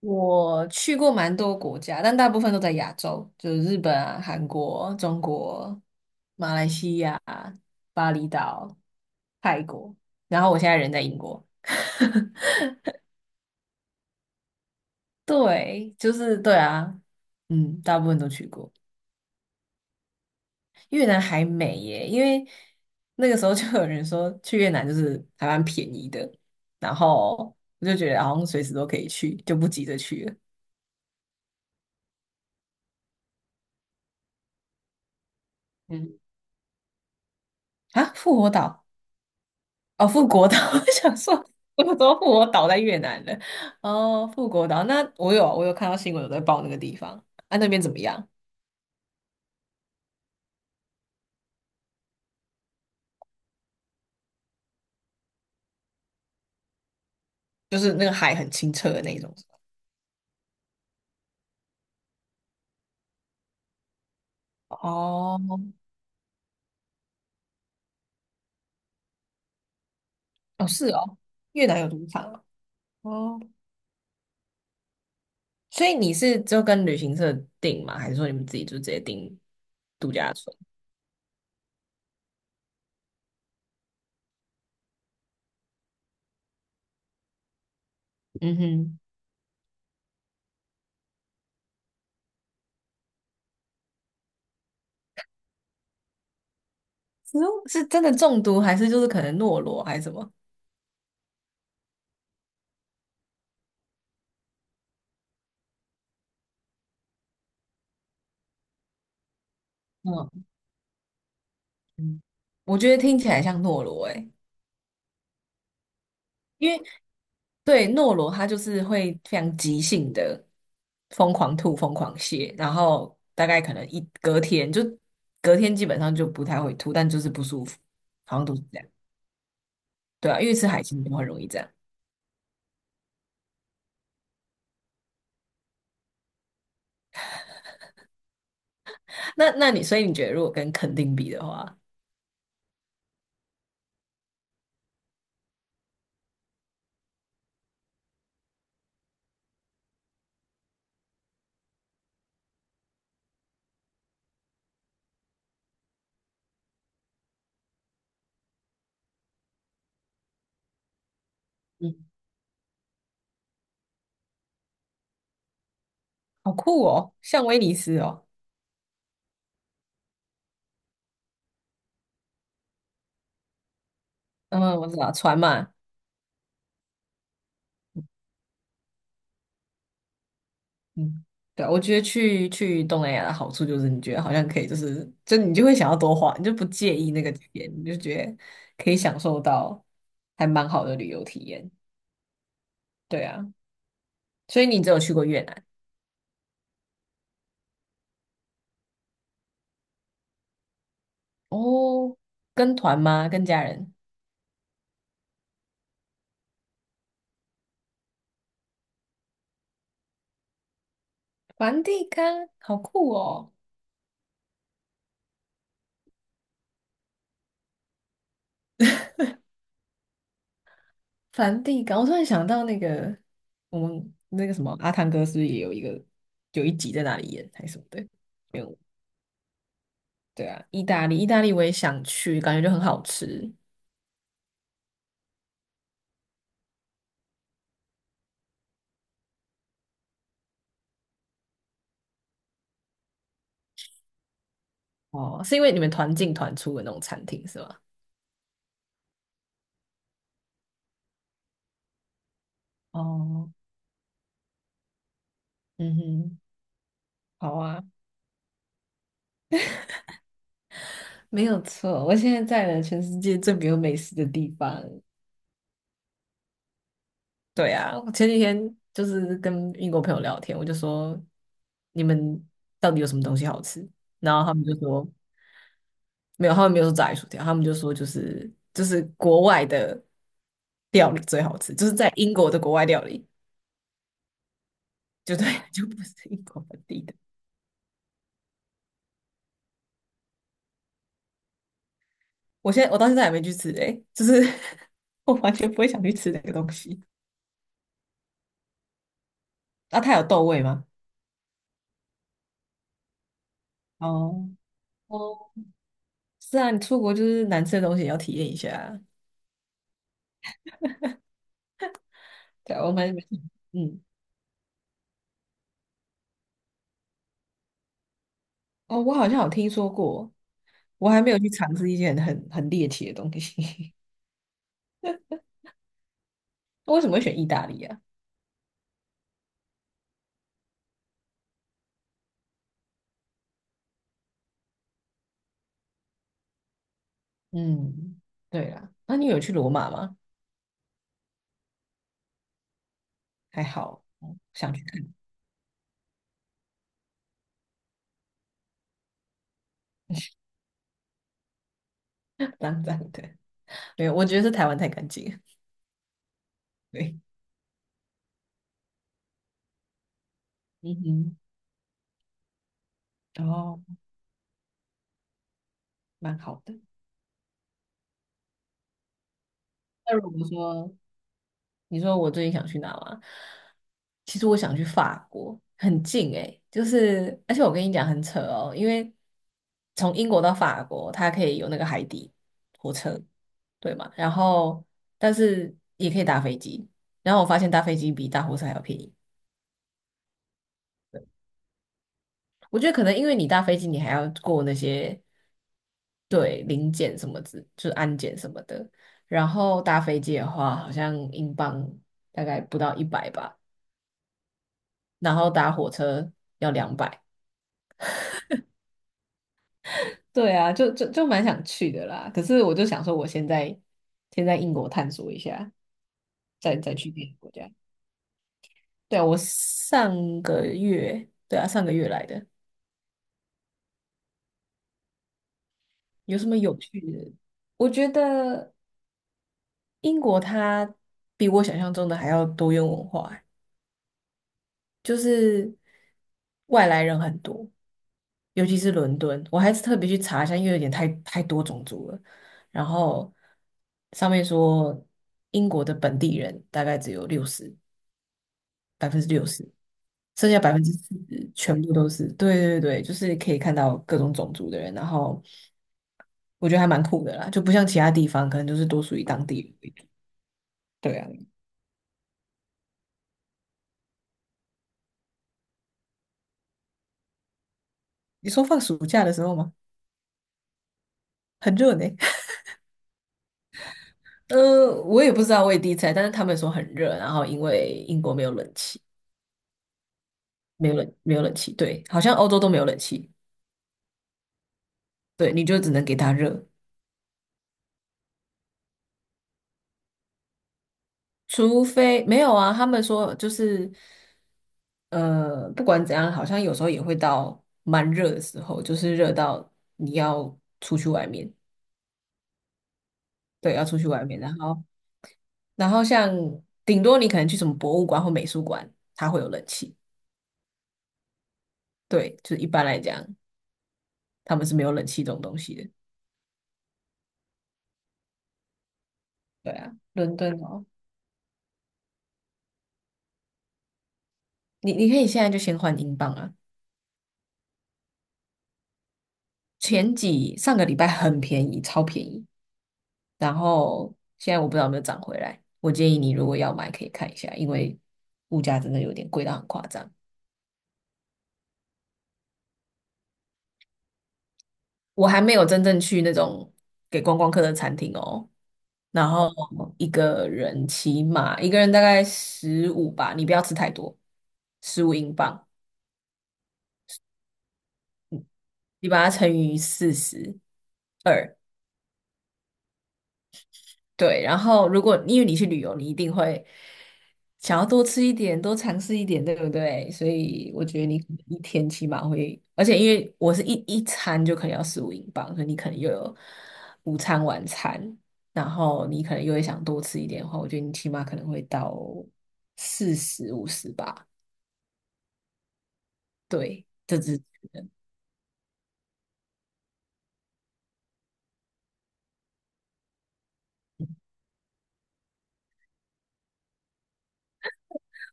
我去过蛮多国家，但大部分都在亚洲，就是日本啊、韩国、中国、马来西亚、巴厘岛、泰国，然后我现在人在英国。对，就是对啊，嗯，大部分都去过。越南还美耶，因为那个时候就有人说去越南就是还蛮便宜的，然后我就觉得好像随时都可以去，就不急着去了。嗯，啊，复活岛。哦，富国岛，我想说富国岛在越南了。哦，富国岛，那我有看到新闻有在报那个地方，啊，那边怎么样？就是那个海很清澈的那种。哦，哦，是哦，越南有赌场哦。哦，所以你是就跟旅行社订吗？还是说你们自己就直接订度假村？嗯哼，是哦，是真的中毒，还是就是可能懦罗还是什么？嗯嗯，我觉得听起来像懦罗诶、因为对，诺罗他就是会非常即性的疯狂吐、疯狂泻，然后大概可能一隔天就隔天基本上就不太会吐，但就是不舒服，好像都是这样。对啊，因为吃海鲜就很容易这样。那那你所以你觉得如果跟垦丁比的话，嗯，好酷哦，像威尼斯哦，嗯，我知道船嘛，嗯，对啊，我觉得去东南亚的好处就是，你觉得好像可以，就你就会想要多花，你就不介意那个钱，你就觉得可以享受到还蛮好的旅游体验。对啊，所以你只有去过越南哦？跟团吗？跟家人？梵蒂冈，好酷哦！梵蒂冈，我突然想到那个我们那个什么阿汤哥是不是也有一集在那里演还是什么的？没有，对啊，意大利，意大利我也想去，感觉就很好吃。哦，是因为你们团进团出的那种餐厅是吗？哦，嗯哼，好啊，没有错。我现在在了全世界最没有美食的地方。对啊，我前几天就是跟英国朋友聊天，我就说你们到底有什么东西好吃？然后他们就说没有，他们没有说炸鱼薯条，他们就说就是国外的料理最好吃，就是在英国的国外料理，就对，就不是英国本地的。我到现在还没去吃哎，就是 我完全不会想去吃这个东西。那它有豆味吗？哦，哦，是啊，你出国就是难吃的东西也要体验一下啊。对啊，我们嗯，哦，我好像有听说过，我还没有去尝试一些很猎奇的东西。为什么会选意大利啊？嗯，对啦，那你有去罗马吗？还好，哦想去看，浪漫的。没有，我觉得是台湾太干净了。对，嗯哼，然后蛮好的。那如果说你说我最近想去哪吗？其实我想去法国，很近诶，就是而且我跟你讲很扯哦，因为从英国到法国，它可以有那个海底火车，对嘛？然后但是也可以搭飞机，然后我发现搭飞机比搭火车还要便宜。我觉得可能因为你搭飞机，你还要过那些对临检什么之，就是安检什么的，然后搭飞机的话，好像英镑大概不到100吧。然后搭火车要200。对啊，就蛮想去的啦。可是我就想说，我现在先在英国探索一下，再去别的国家。对啊，我上个月，对啊，上个月来的，有什么有趣的？我觉得英国它比我想象中的还要多元文化。就是外来人很多，尤其是伦敦，我还是特别去查一下，因为有点太多种族了。然后上面说英国的本地人大概只有六十，60%，剩下40%全部都是，对，对对，就是可以看到各种种族的人。然后我觉得还蛮酷的啦，就不像其他地方可能就是多属于当地人。对啊，你说放暑假的时候吗？很热呢。我也不知道，我也第一次来，但是他们说很热，然后因为英国没有冷气，没有冷气，对，好像欧洲都没有冷气，对，你就只能给它热，除非没有啊，他们说就是，不管怎样，好像有时候也会到蛮热的时候，就是热到你要出去外面，对，要出去外面，然后像顶多你可能去什么博物馆或美术馆，它会有冷气，对，就是一般来讲，他们是没有冷气这种东西的，对啊，伦敦哦。你可以现在就先换英镑啊。上个礼拜很便宜，超便宜，然后现在我不知道有没有涨回来。我建议你如果要买，可以看一下，因为物价真的有点贵到很夸张。我还没有真正去那种给观光客的餐厅哦。然后一个人起码一个人大概十五吧，你不要吃太多，十五英镑，你把它乘以四十。二。对，然后如果因为你去旅游，你一定会想要多吃一点，多尝试一点，对不对？所以我觉得你可能一天起码会，而且因为我是一餐就可能要十五英镑，所以你可能又有午餐、晚餐，然后你可能又会想多吃一点的话，我觉得你起码可能会到四十、50吧。对，这只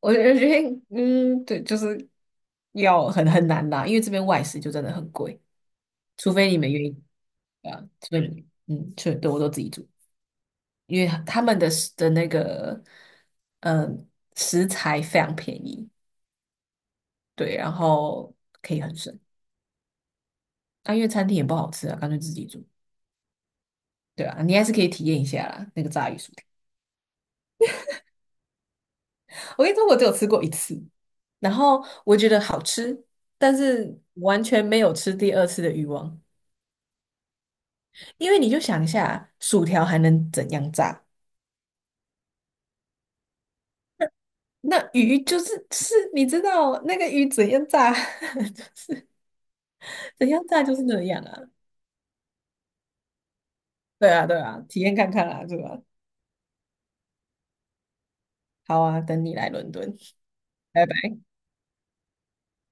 我觉得，嗯，对，就是要很难啦，因为这边外食就真的很贵。除非你们愿意，对啊，除非你除嗯，是，对，我都自己煮，因为他们的食的那个嗯呃食材非常便宜，对，然后可以很省。啊，因为餐厅也不好吃啊，干脆自己煮，对啊，你还是可以体验一下啦，那个炸鱼薯条。我跟你说，我只有吃过一次，然后我觉得好吃，但是完全没有吃第二次的欲望，因为你就想一下，薯条还能怎样炸？那鱼就是，你知道那个鱼怎样炸，就是怎样炸就是那样啊。对啊，对啊，体验看看啦，对吧？好啊，等你来伦敦，拜拜。